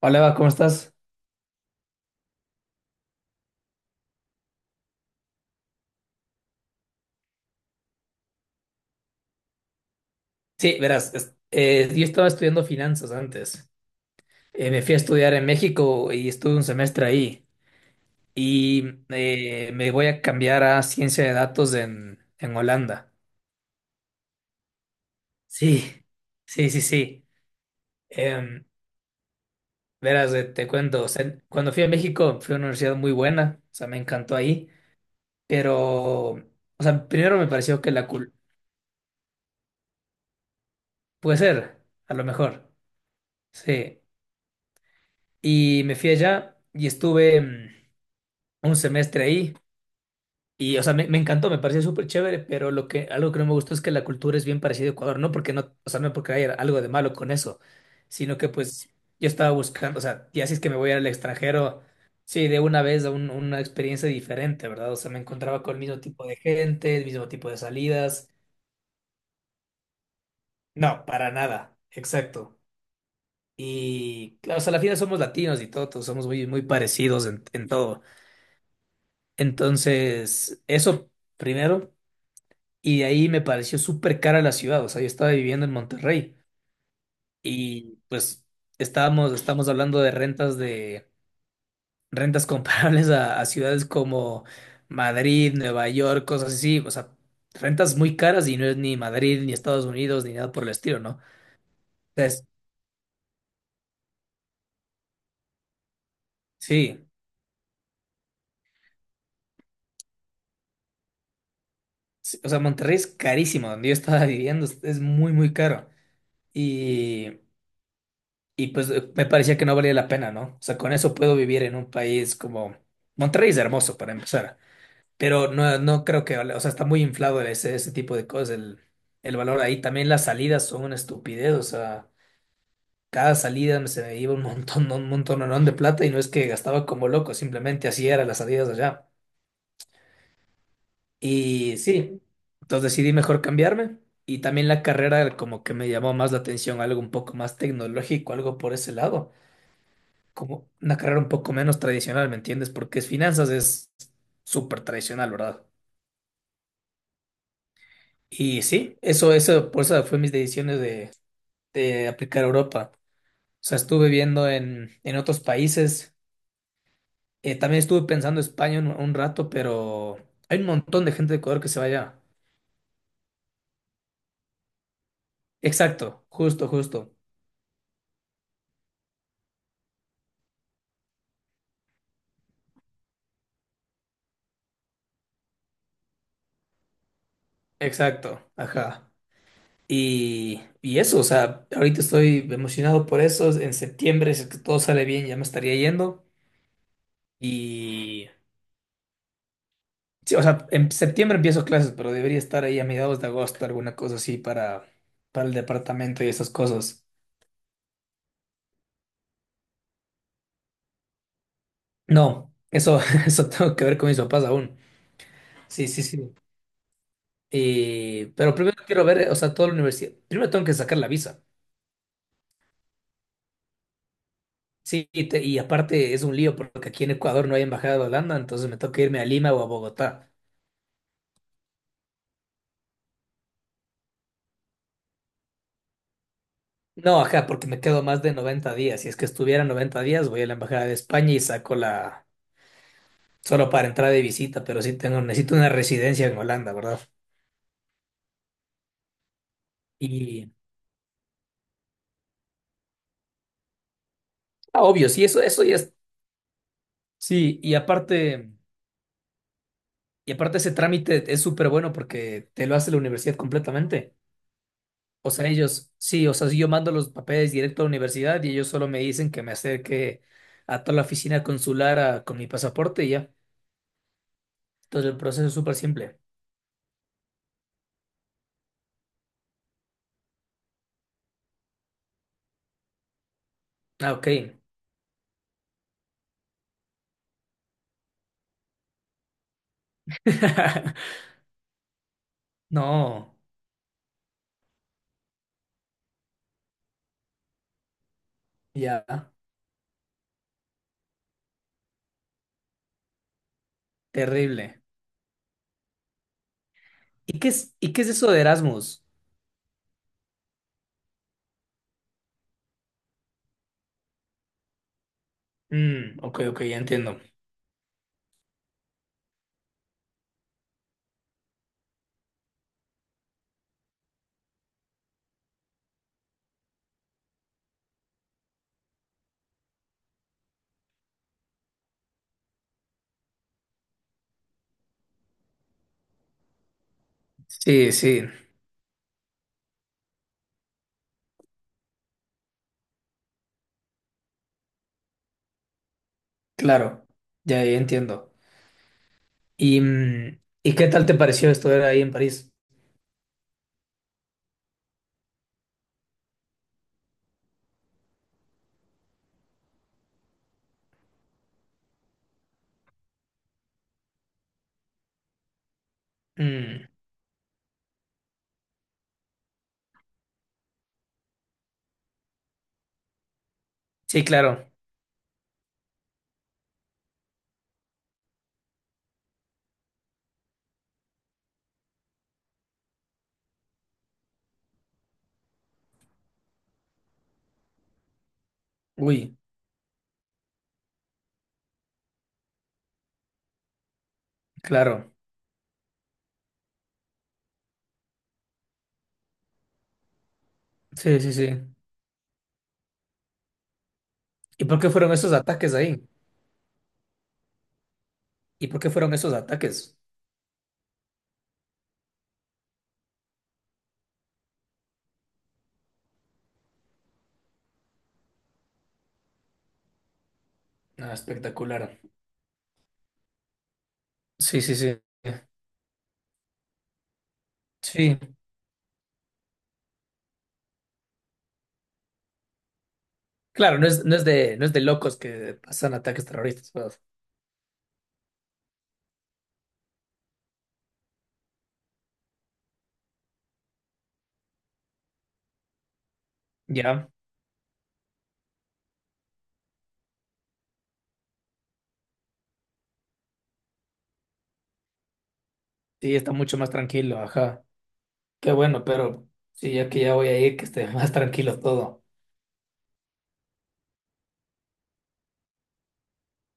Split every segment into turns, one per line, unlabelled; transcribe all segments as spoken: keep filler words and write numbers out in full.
Hola, Eva, ¿cómo estás? Sí, verás, es- eh, yo estaba estudiando finanzas antes. Eh, me fui a estudiar en México y estuve un semestre ahí. Y eh, me voy a cambiar a ciencia de datos en, en Holanda. Sí, sí, sí, sí. Em, verás, eh, te cuento, o sea, cuando fui a México fue una universidad muy buena, o sea, me encantó ahí. Pero, o sea, primero me pareció que la cul... Puede ser, a lo mejor. Sí. Y me fui allá y estuve... em, un semestre ahí. Y, o sea, me, me encantó, me pareció súper chévere, pero lo que, algo que no me gustó es que la cultura es bien parecida a Ecuador, no porque no, o sea, no porque haya algo de malo con eso, sino que pues yo estaba buscando, o sea, ya si es que me voy al extranjero, sí, de una vez a un- una experiencia diferente, ¿verdad? O sea, me encontraba con el mismo tipo de gente, el mismo tipo de salidas. No, para nada, exacto. Y claro, o sea, a la final somos latinos y todo, todos somos muy, muy parecidos en, en todo. Entonces, eso primero. Y de ahí me pareció súper cara la ciudad, o sea, yo estaba viviendo en Monterrey y pues estábamos, estamos hablando de rentas de rentas comparables a, a ciudades como Madrid, Nueva York, cosas así, o sea, rentas muy caras y no es ni Madrid, ni Estados Unidos, ni nada por el estilo, ¿no? Entonces, sí, sí, o sea, Monterrey es carísimo, donde yo estaba viviendo es es muy, muy caro y, y pues eh, me parecía que no valía la pena, ¿no? O sea, con eso puedo vivir en un país como... Monterrey es hermoso para empezar. Pero no, no creo que, vale, o sea, está muy inflado ese, ese tipo de cosas, el, el valor ahí. También las salidas son una estupidez, o sea, cada salida me se me iba un montón, un montón de plata y no es que gastaba como loco, simplemente así eran las salidas allá. Y sí, entonces decidí mejor cambiarme y también la carrera como que me llamó más la atención, algo un poco más tecnológico, algo por ese lado, como una carrera un poco menos tradicional, ¿me entiendes? Porque es finanzas es súper tradicional, ¿verdad? Y sí, eso, eso, por eso fue mis decisiones de, de aplicar a Europa. O sea, estuve viendo en, en otros países. Eh, también estuve pensando en España un, un rato, pero hay un montón de gente de Ecuador que se vaya. Exacto, justo, justo. Exacto, ajá. Y, y eso, o sea, ahorita estoy emocionado por eso. En septiembre, si es que todo sale bien, ya me estaría yendo. y Sí, o sea, en septiembre empiezo clases, pero debería estar ahí a mediados de agosto, alguna cosa así para, para el departamento y esas cosas. No, eso, eso tengo que ver con mis papás aún. Sí, sí, sí. Y- pero primero quiero ver, o sea, toda la universidad. Primero tengo que sacar la visa. Sí, y, te- y aparte es un lío porque aquí en Ecuador no hay embajada de Holanda, entonces me toca irme a Lima o a Bogotá. No, ajá, porque me quedo más de noventa días. Si es que estuviera noventa días, voy a la embajada de España y saco la, solo para entrar de visita, pero sí tengo, necesito una residencia en Holanda, ¿verdad? Y, ah, obvio, sí, eso, eso ya es, sí, y aparte, y aparte ese trámite es súper bueno porque te lo hace la universidad completamente. O sea, ellos, sí, o sea, si yo mando los papeles directo a la universidad y ellos solo me dicen que me acerque a toda la oficina consular a- con mi pasaporte y ya. Entonces el proceso es súper simple. Ah, ok. No, ya, terrible. ¿Y qué es, y qué es eso de Erasmus? Mm, ok, ok, ya entiendo. Sí, sí, claro, ya, ya entiendo. ¿Y, mm, ¿y qué tal te pareció estudiar ahí en París? Mm, sí, claro. Uy, claro. Sí, sí, sí. ¿Y por qué fueron esos ataques ahí? ¿Y por qué fueron esos ataques? Ah, espectacular. Sí, sí, sí. Sí, claro, no es, no es de, no es de locos que pasan ataques terroristas, pero ya, sí, está mucho más tranquilo, ajá. Qué bueno, pero sí, ya que ya voy a ir, que esté más tranquilo todo.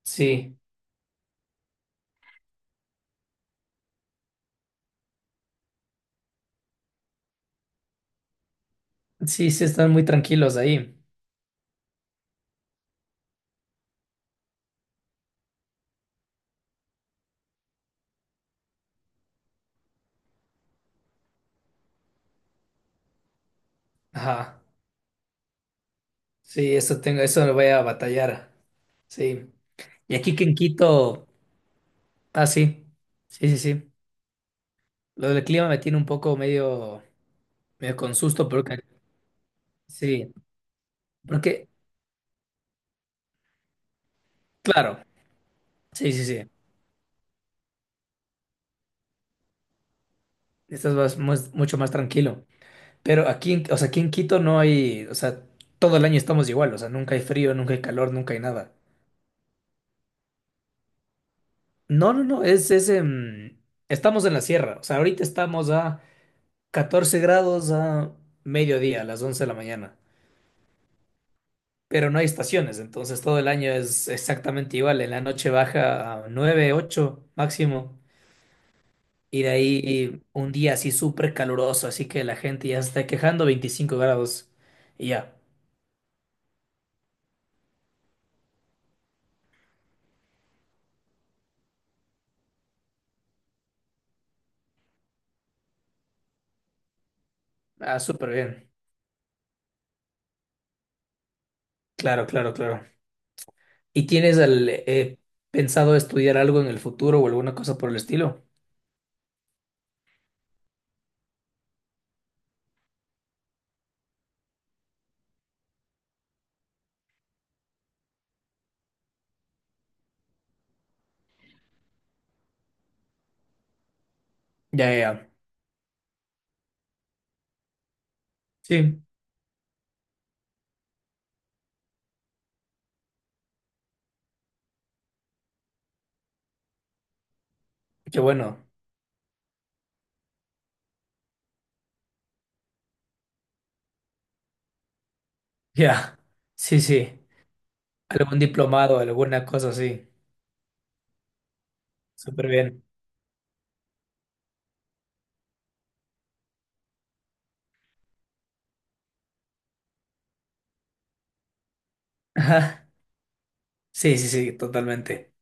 Sí, sí, sí, están muy tranquilos ahí. Ajá, sí, eso tengo, eso lo voy a batallar, sí. Y aquí que en Quito, ah, sí, sí, sí, sí. Lo del clima me tiene un poco medio, medio con susto, porque, sí, porque, claro, sí, sí, sí, estás más- más- mucho más tranquilo. Pero aquí, en- o sea, aquí en Quito no hay, o sea, todo el año estamos igual, o sea, nunca hay frío, nunca hay calor, nunca hay nada. No, no, no, es, es, em, estamos en la sierra, o sea, ahorita estamos a catorce grados a mediodía, a las once de la mañana. Pero no hay estaciones, entonces todo el año es exactamente igual. En la noche baja a nueve, ocho máximo, y de ahí un día así súper caluroso, así que la gente ya se está quejando, veinticinco grados, y ya. Ah, súper bien. Claro, claro, claro. ¿Y tienes el, eh, pensado estudiar algo en el futuro o alguna cosa por el estilo? Ya, ya. Ya. Sí, qué bueno. Ya. Sí, sí. Algún diplomado, alguna cosa así. Súper bien. Ajá. Sí, sí, sí, totalmente.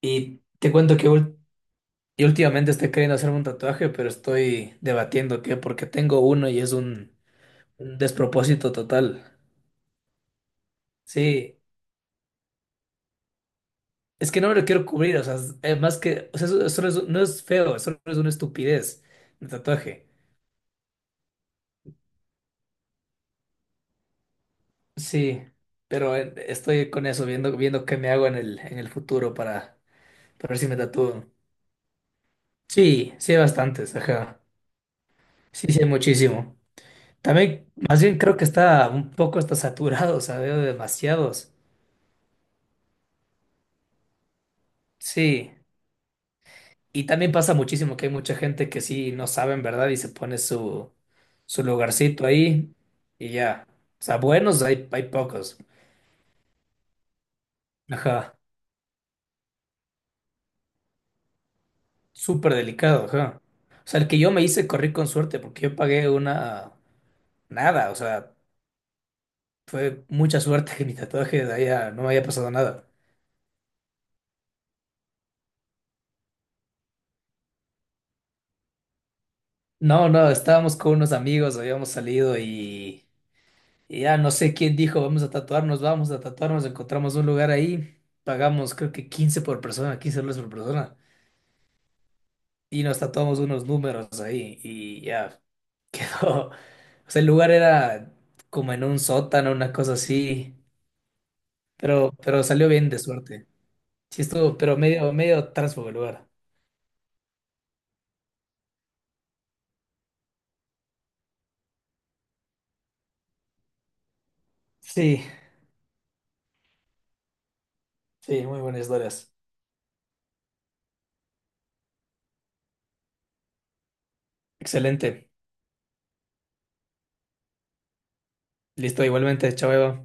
Y te cuento que ul- y últimamente estoy queriendo hacerme un tatuaje, pero estoy debatiendo qué, porque tengo uno y es un, un despropósito total. Sí, es que no me lo quiero cubrir, o sea, es- eh, más que, o sea, eso, eso no es, no es feo, eso no es una estupidez, el tatuaje. Sí, pero eh, estoy con eso, viendo, viendo qué me hago en el, en el futuro para, para ver si me tatúo. Sí, sí hay bastantes, ajá. Sí, sí hay muchísimo. También, más bien creo que está un poco está saturado, o sea, veo demasiados. Sí, y también pasa muchísimo que hay mucha gente que sí no sabe en verdad y se pone su, su lugarcito ahí y ya. O sea, buenos hay, hay pocos. Ajá, súper delicado, ajá. O sea, el que yo me hice corrí con suerte porque yo pagué una... Nada, o sea, fue mucha suerte que mi tatuaje de allá no me haya pasado nada. No, no, estábamos con unos amigos, habíamos salido y... Y ya no sé quién dijo, vamos a tatuarnos, vamos a tatuarnos, encontramos un lugar ahí, pagamos creo que quince por persona, quince dólares por persona, y nos tatuamos unos números ahí, y ya quedó. O sea, el lugar era como en un sótano, una cosa así, pero, pero salió bien de suerte. Sí estuvo, pero medio, medio transfugo el lugar. Sí, sí, muy buenas historias. Excelente. Listo, igualmente, chao, Eva.